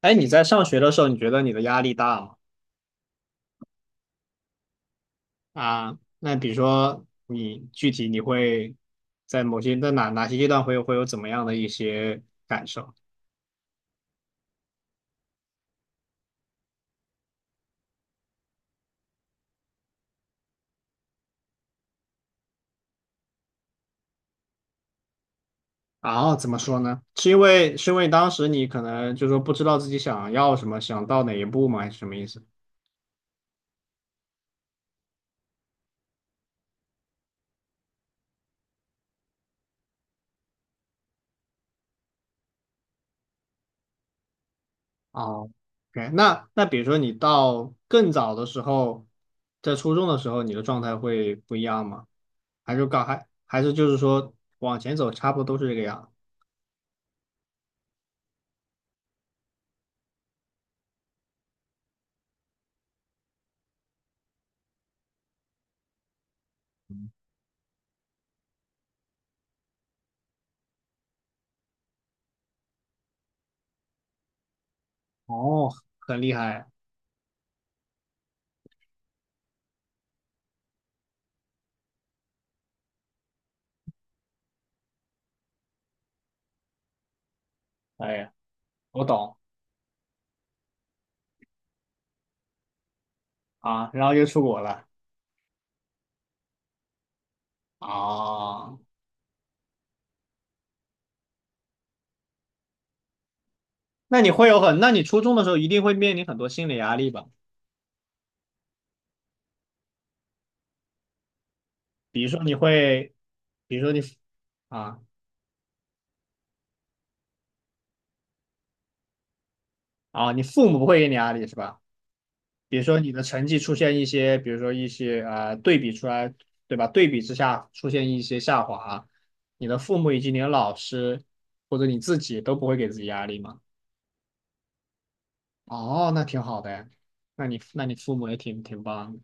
哎，你在上学的时候，你觉得你的压力大吗？啊，那比如说你具体你会在某些在哪些阶段会有怎么样的一些感受？然后怎么说呢？是因为当时你可能就说不知道自己想要什么，想到哪一步吗？还是什么意思？哦，OK，那比如说你到更早的时候，在初中的时候，你的状态会不一样吗？还是还是就是说往前走，差不多都是这个样？哦，很厉害。哎呀。我懂啊，然后又出国了啊。那你会有很，那你初中的时候一定会面临很多心理压力吧？比如说你会，比如说你啊啊，你父母不会给你压力是吧？比如说你的成绩出现一些，比如说一些啊对比出来，对吧？对比之下出现一些下滑，你的父母以及你的老师或者你自己都不会给自己压力吗？哦，那挺好的哎，那你父母也挺棒的。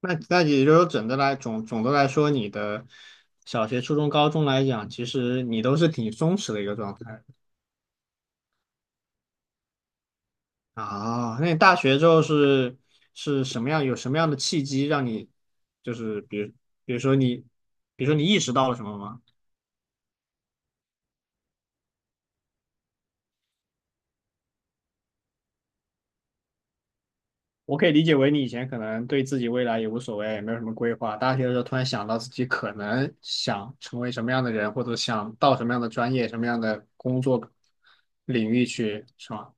那也就是说，整的来总总的来说，你的小学、初中、高中来讲，其实你都是挺松弛的一个状态啊。那你大学之后是什么样？有什么样的契机让你就是比如比如说你比如说你意识到了什么吗？我可以理解为你以前可能对自己未来也无所谓，也没有什么规划。大学的时候突然想到自己可能想成为什么样的人，或者想到什么样的专业、什么样的工作领域去，是吗？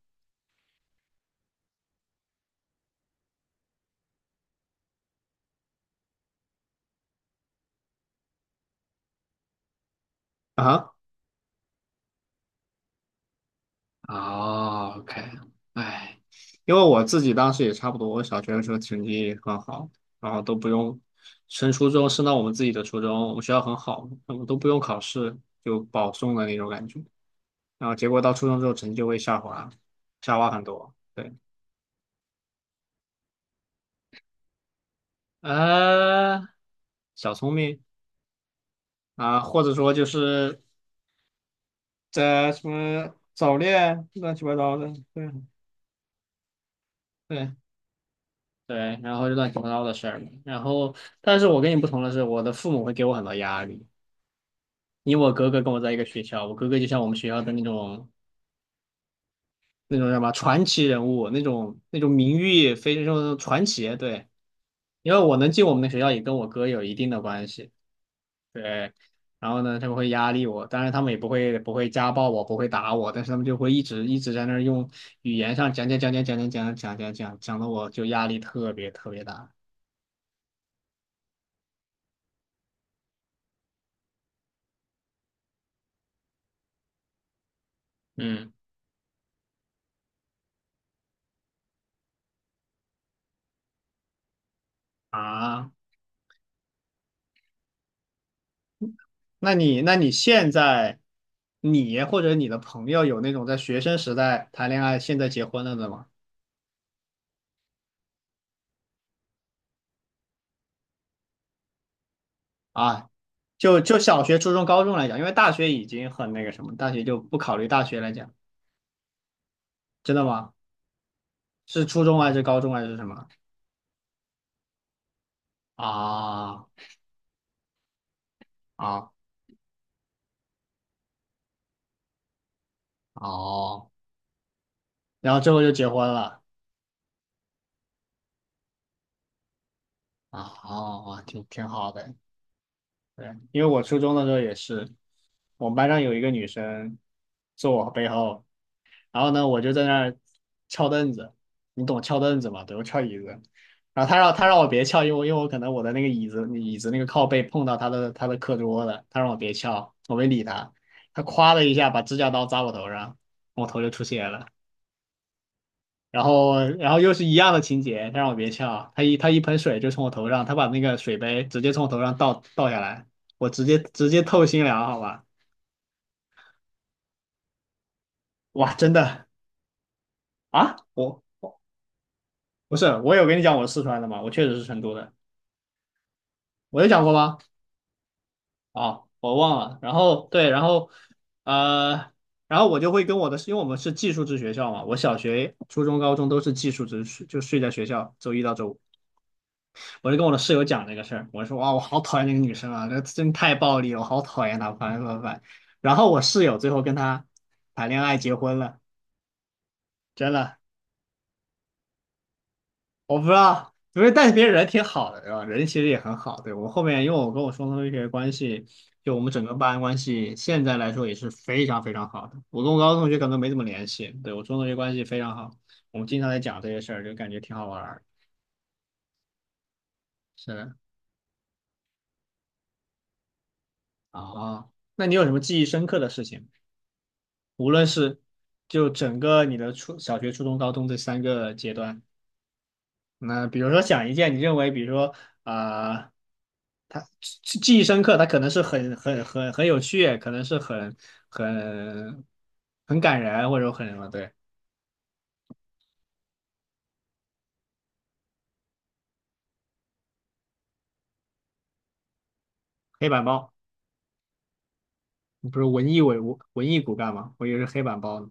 啊哦，OK，哎，因为我自己当时也差不多，我小学的时候成绩很好，然后都不用升初中，升到我们自己的初中，我们学校很好，我们都不用考试就保送的那种感觉。然后结果到初中之后成绩就会下滑，下滑很多。对，呃，小聪明啊，或者说就是在什么早恋乱七八糟的，对对。对，然后就乱七八糟的事儿嘛。然后，但是我跟你不同的是，我的父母会给我很多压力。因为我哥哥跟我在一个学校，我哥哥就像我们学校的那种那种叫传奇人物，那种名誉非常传奇。对，因为我能进我们的学校，也跟我哥有一定的关系。对，然后呢，他们会压力我，当然他们也不会家暴我，不会打我，但是他们就会一直在那儿用语言上讲讲讲讲讲讲讲讲讲讲讲的，我就压力特别大。嗯啊。那你现在你或者你的朋友有那种在学生时代谈恋爱，现在结婚了的吗？啊，就小学、初中、高中来讲，因为大学已经很那个什么，大学就不考虑大学来讲，真的吗？是初中还是高中还是什么？啊啊哦，然后最后就结婚了啊哦，挺好的，对，因为我初中的时候也是，我们班上有一个女生坐我背后。然后呢，我就在那儿翘凳子，你懂翘凳子吗？对，我翘椅子。然后他让我别翘，因为我可能我的那个椅子那个靠背碰到他的课桌了，他让我别翘，我没理他。他夸的一下把指甲刀扎我头上，我头就出血了。然后又是一样的情节，他让我别翘，他一盆水就从我头上，他把那个水杯直接从我头上倒下来，我直接透心凉，好吧？哇，真的啊，我不是我有跟你讲我四川的吗？我确实是成都的。我有讲过吗？啊，我忘了。然后对，然后呃，然后我就会跟我的，因为我们是寄宿制学校嘛，我小学、初中、高中都是寄宿制，睡就睡在学校，周一到周五。我就跟我的室友讲这个事儿，我说哇，我好讨厌那个女生啊，那真太暴力了，我好讨厌她，烦烦烦。然后我室友最后跟她谈恋爱结婚了，真的。我不知道，因为但是别人人挺好的，对吧？人其实也很好。对，我后面，因为我跟我双同学关系，就我们整个班关系，现在来说也是非常好的。我跟我高中同学可能没怎么联系，对，我中同学关系非常好，我们经常在讲这些事儿，就感觉挺好玩儿。是的，啊，那你有什么记忆深刻的事情？无论是就整个你的初小学、初中、高中这三个阶段，那比如说想一件你认为，比如说啊。他记忆深刻，他可能是很有趣，可能是很很感人，或者很什么。对，黑板报，你不是文艺骨干吗？我以为是黑板报呢。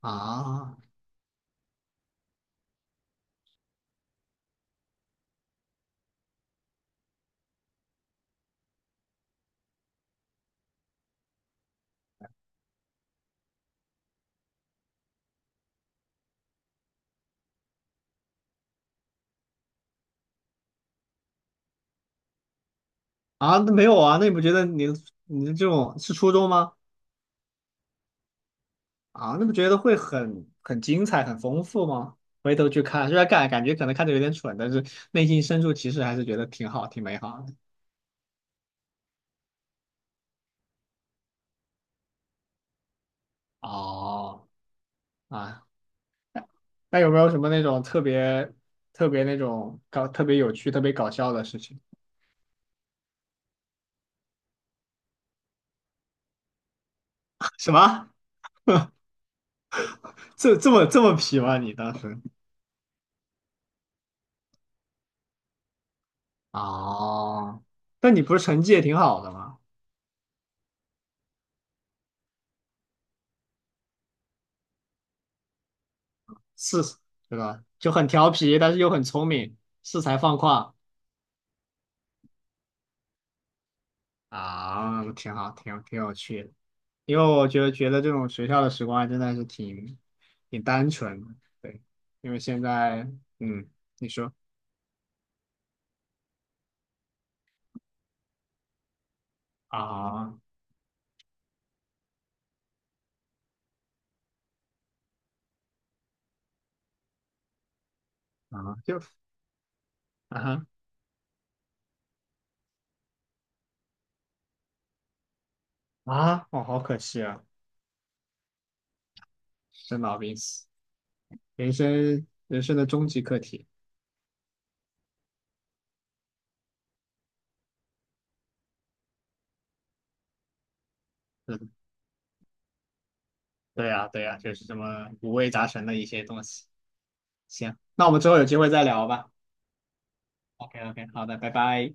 啊啊，那没有啊，那你不觉得你你这种是初中吗？啊，那不觉得会很精彩、很丰富吗？回头去看，虽然感觉可能看着有点蠢，但是内心深处其实还是觉得挺好、挺美好的。哦，啊，那有没有什么那种特别那种搞特别有趣、特别搞笑的事情？什么？这这么皮吗？你当时？哦，那你不是成绩也挺好的吗？是，对吧？就很调皮，但是又很聪明，恃才放旷啊，挺好，挺有趣的。因为我觉得这种学校的时光还真的是挺单纯的，对。因为现在，嗯，你说啊啊，就啊哈啊，哦，好可惜啊。生老病死，人生的终极课题。嗯，对呀，对呀，就是这么五味杂陈的一些东西。行，那我们之后有机会再聊吧。OK OK，好的，拜拜。